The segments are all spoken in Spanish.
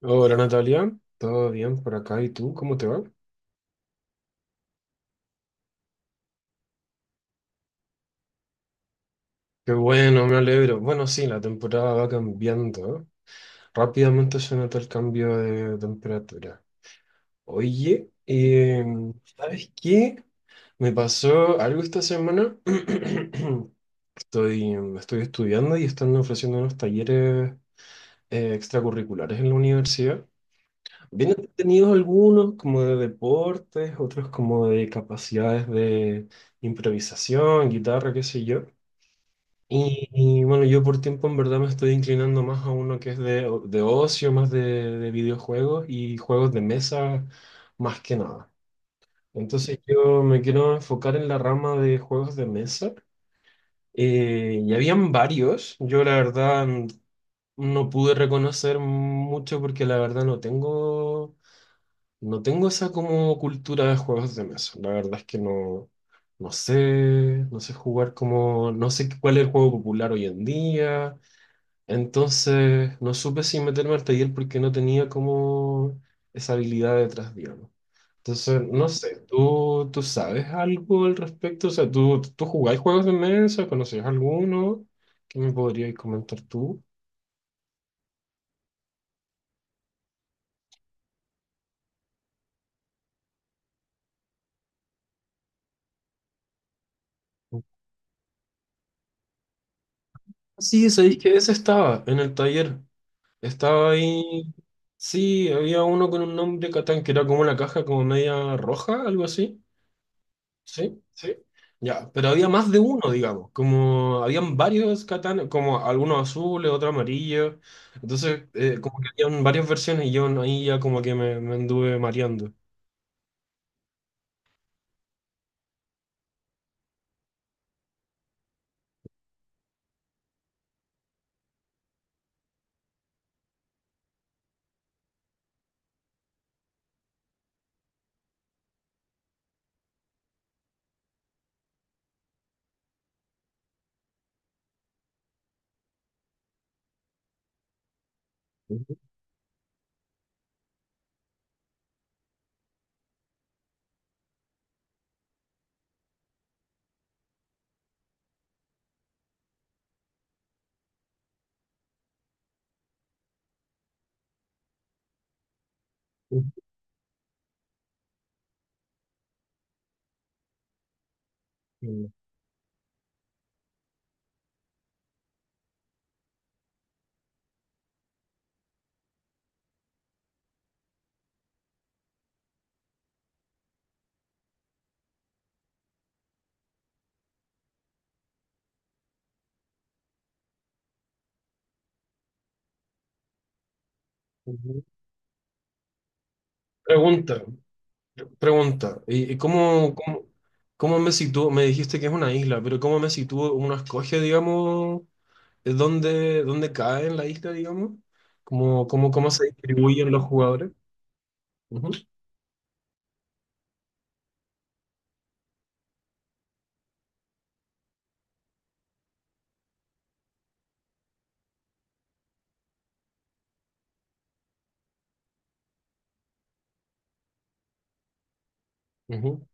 Hola Natalia, ¿todo bien por acá? ¿Y tú? ¿Cómo te va? Qué bueno, me alegro. Bueno, sí, la temporada va cambiando, ¿eh? Rápidamente se nota el cambio de temperatura. Oye, ¿sabes qué? Me pasó algo esta semana. Estoy estudiando y están ofreciendo unos talleres extracurriculares en la universidad. Bien entretenidos algunos, como de deportes, otros como de capacidades de improvisación, guitarra, qué sé yo. Bueno, yo por tiempo en verdad me estoy inclinando más a uno que es de ocio, más de videojuegos y juegos de mesa más que nada. Entonces yo me quiero enfocar en la rama de juegos de mesa. Y habían varios, yo la verdad no pude reconocer mucho porque la verdad no tengo esa como cultura de juegos de mesa. La verdad es que no sé, no sé jugar como, no sé cuál es el juego popular hoy en día. Entonces, no supe si meterme al taller porque no tenía como esa habilidad detrás, digamos. Entonces, no sé, ¿tú sabes algo al respecto? O sea, ¿tú jugás juegos de mesa? ¿Conoces alguno? ¿Qué me podrías comentar tú? Sí, sabéis que ese estaba en el taller. Estaba ahí. Sí, había uno con un nombre Catán que era como una caja como media roja, algo así. Sí, sí. Ya, pero había más de uno, digamos, como habían varios Catán, como algunos azules, otros amarillos, entonces como que habían varias versiones y yo no, ahí ya como que me anduve mareando. Ujú, ujú, ujú. Pregunta, pregunta, ¿ cómo me sitúo? Me dijiste que es una isla, pero ¿cómo me sitúo? ¿Uno escoge, digamos, dónde, dónde cae en la isla, digamos? Cómo se distribuyen los jugadores? Ujú, ujú.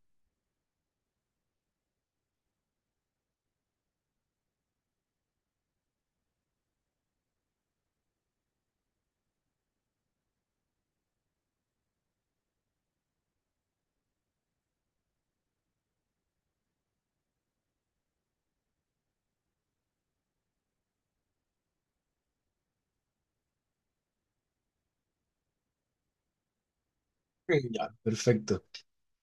Ya, perfecto.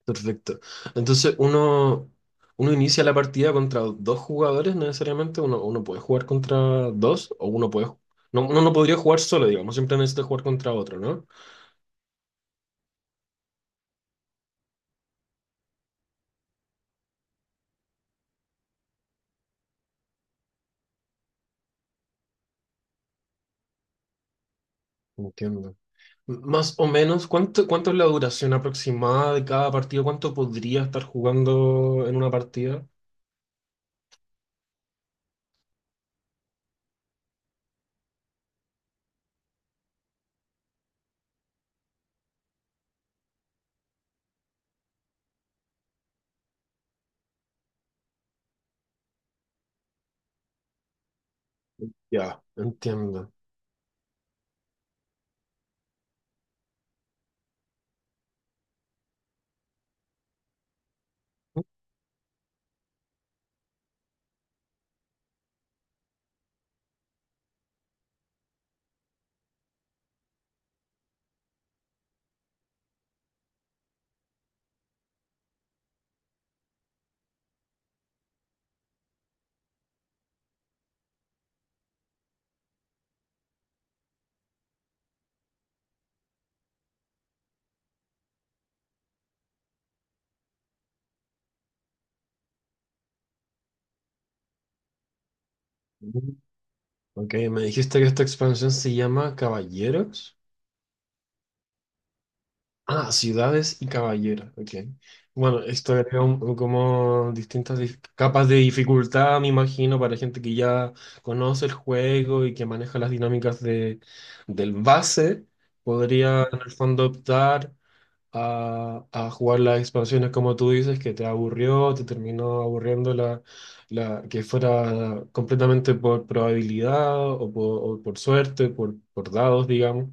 Perfecto. Entonces uno, Uno inicia la partida contra dos jugadores necesariamente. Uno puede jugar contra dos o uno puede... No, uno no podría jugar solo, digamos. Siempre necesita jugar contra otro, ¿no? Entiendo. Más o menos, cuánto es la duración aproximada de cada partido? ¿Cuánto podría estar jugando en una partida? Ya, entiendo. Mm. Ok, me dijiste que esta expansión se llama Caballeros. Ah, ciudades y caballeros, ok. Bueno, esto agrega un como distintas capas de dificultad, me imagino, para gente que ya conoce el juego y que maneja las dinámicas del base, podría en el fondo optar a jugar las expansiones como tú dices, que te aburrió, te terminó aburriendo que fuera completamente por probabilidad o por suerte, por dados, digamos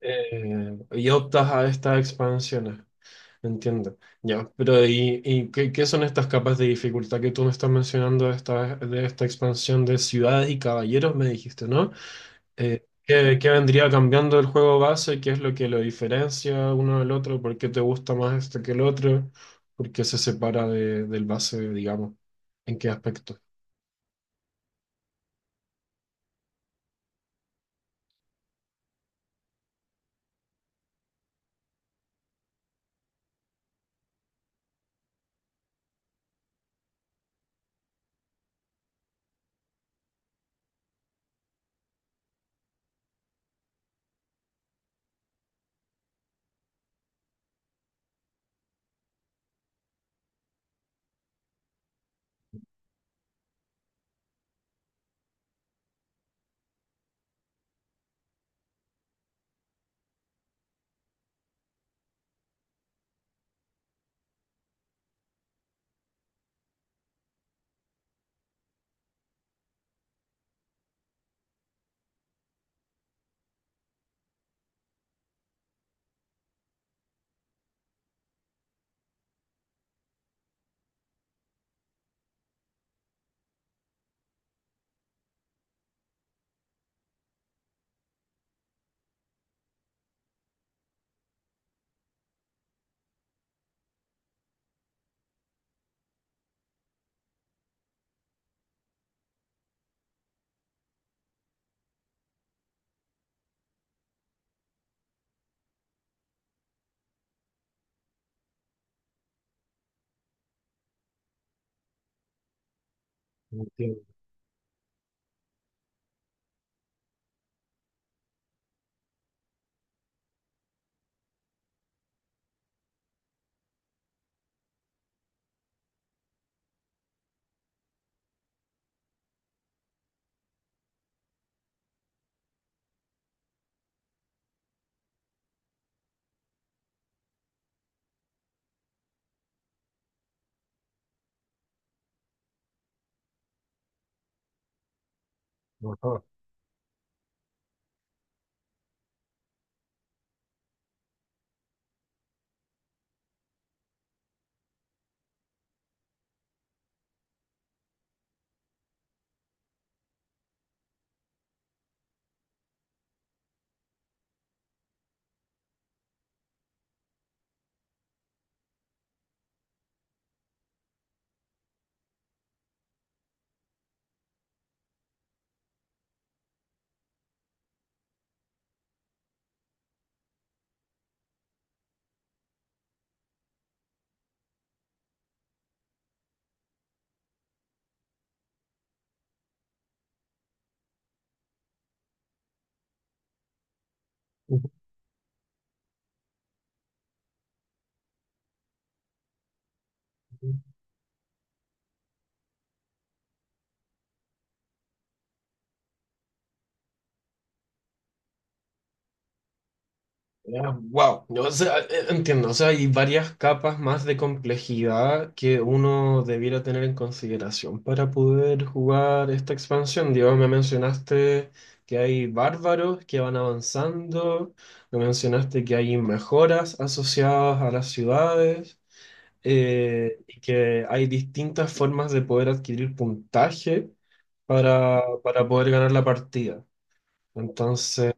y optas a estas expansiones. Entiendo. Ya, pero qué, qué son estas capas de dificultad que tú me estás mencionando de de esta expansión de ciudades y caballeros, me dijiste, ¿no? ¿Qué, qué vendría cambiando el juego base? ¿Qué es lo que lo diferencia uno del otro? ¿Por qué te gusta más este que el otro? ¿Por qué se separa del base, digamos? ¿En qué aspecto? Entiendo. Ajá. Wow, o sea, entiendo, o sea, hay varias capas más de complejidad que uno debiera tener en consideración para poder jugar esta expansión. Digo, me mencionaste que hay bárbaros que van avanzando, me mencionaste que hay mejoras asociadas a las ciudades, y que hay distintas formas de poder adquirir puntaje para poder ganar la partida. Entonces...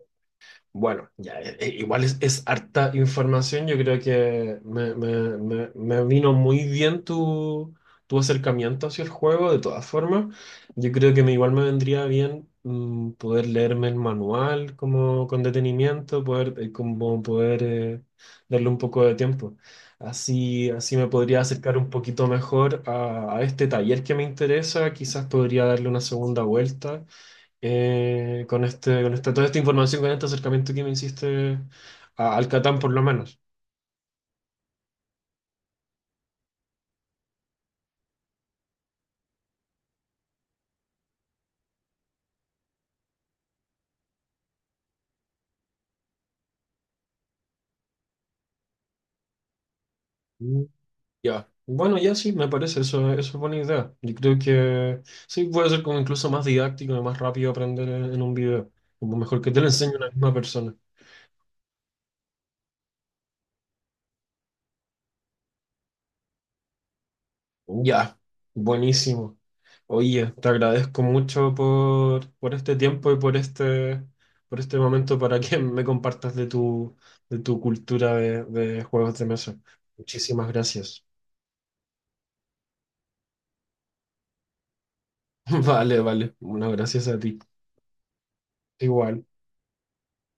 Bueno, ya, igual es harta información. Yo creo que me vino muy bien tu, tu acercamiento hacia el juego, de todas formas. Yo creo que me, igual me vendría bien mm, poder leerme el manual como con detenimiento, poder, como poder darle un poco de tiempo. Así, así me podría acercar un poquito mejor a este taller que me interesa. Quizás podría darle una segunda vuelta con este, con esta, toda esta información, con este acercamiento que me hiciste al Catán por lo menos. Mm. Ya. Bueno, ya sí, me parece, eso es buena idea. Yo creo que sí puede ser como incluso más didáctico y más rápido aprender en un video. Como mejor que te lo enseñe una misma persona. Ya, buenísimo. Oye, te agradezco mucho por este tiempo y por este momento para que me compartas de tu cultura de juegos de mesa. Muchísimas gracias. Vale, vale. Bueno, gracias a ti. Igual.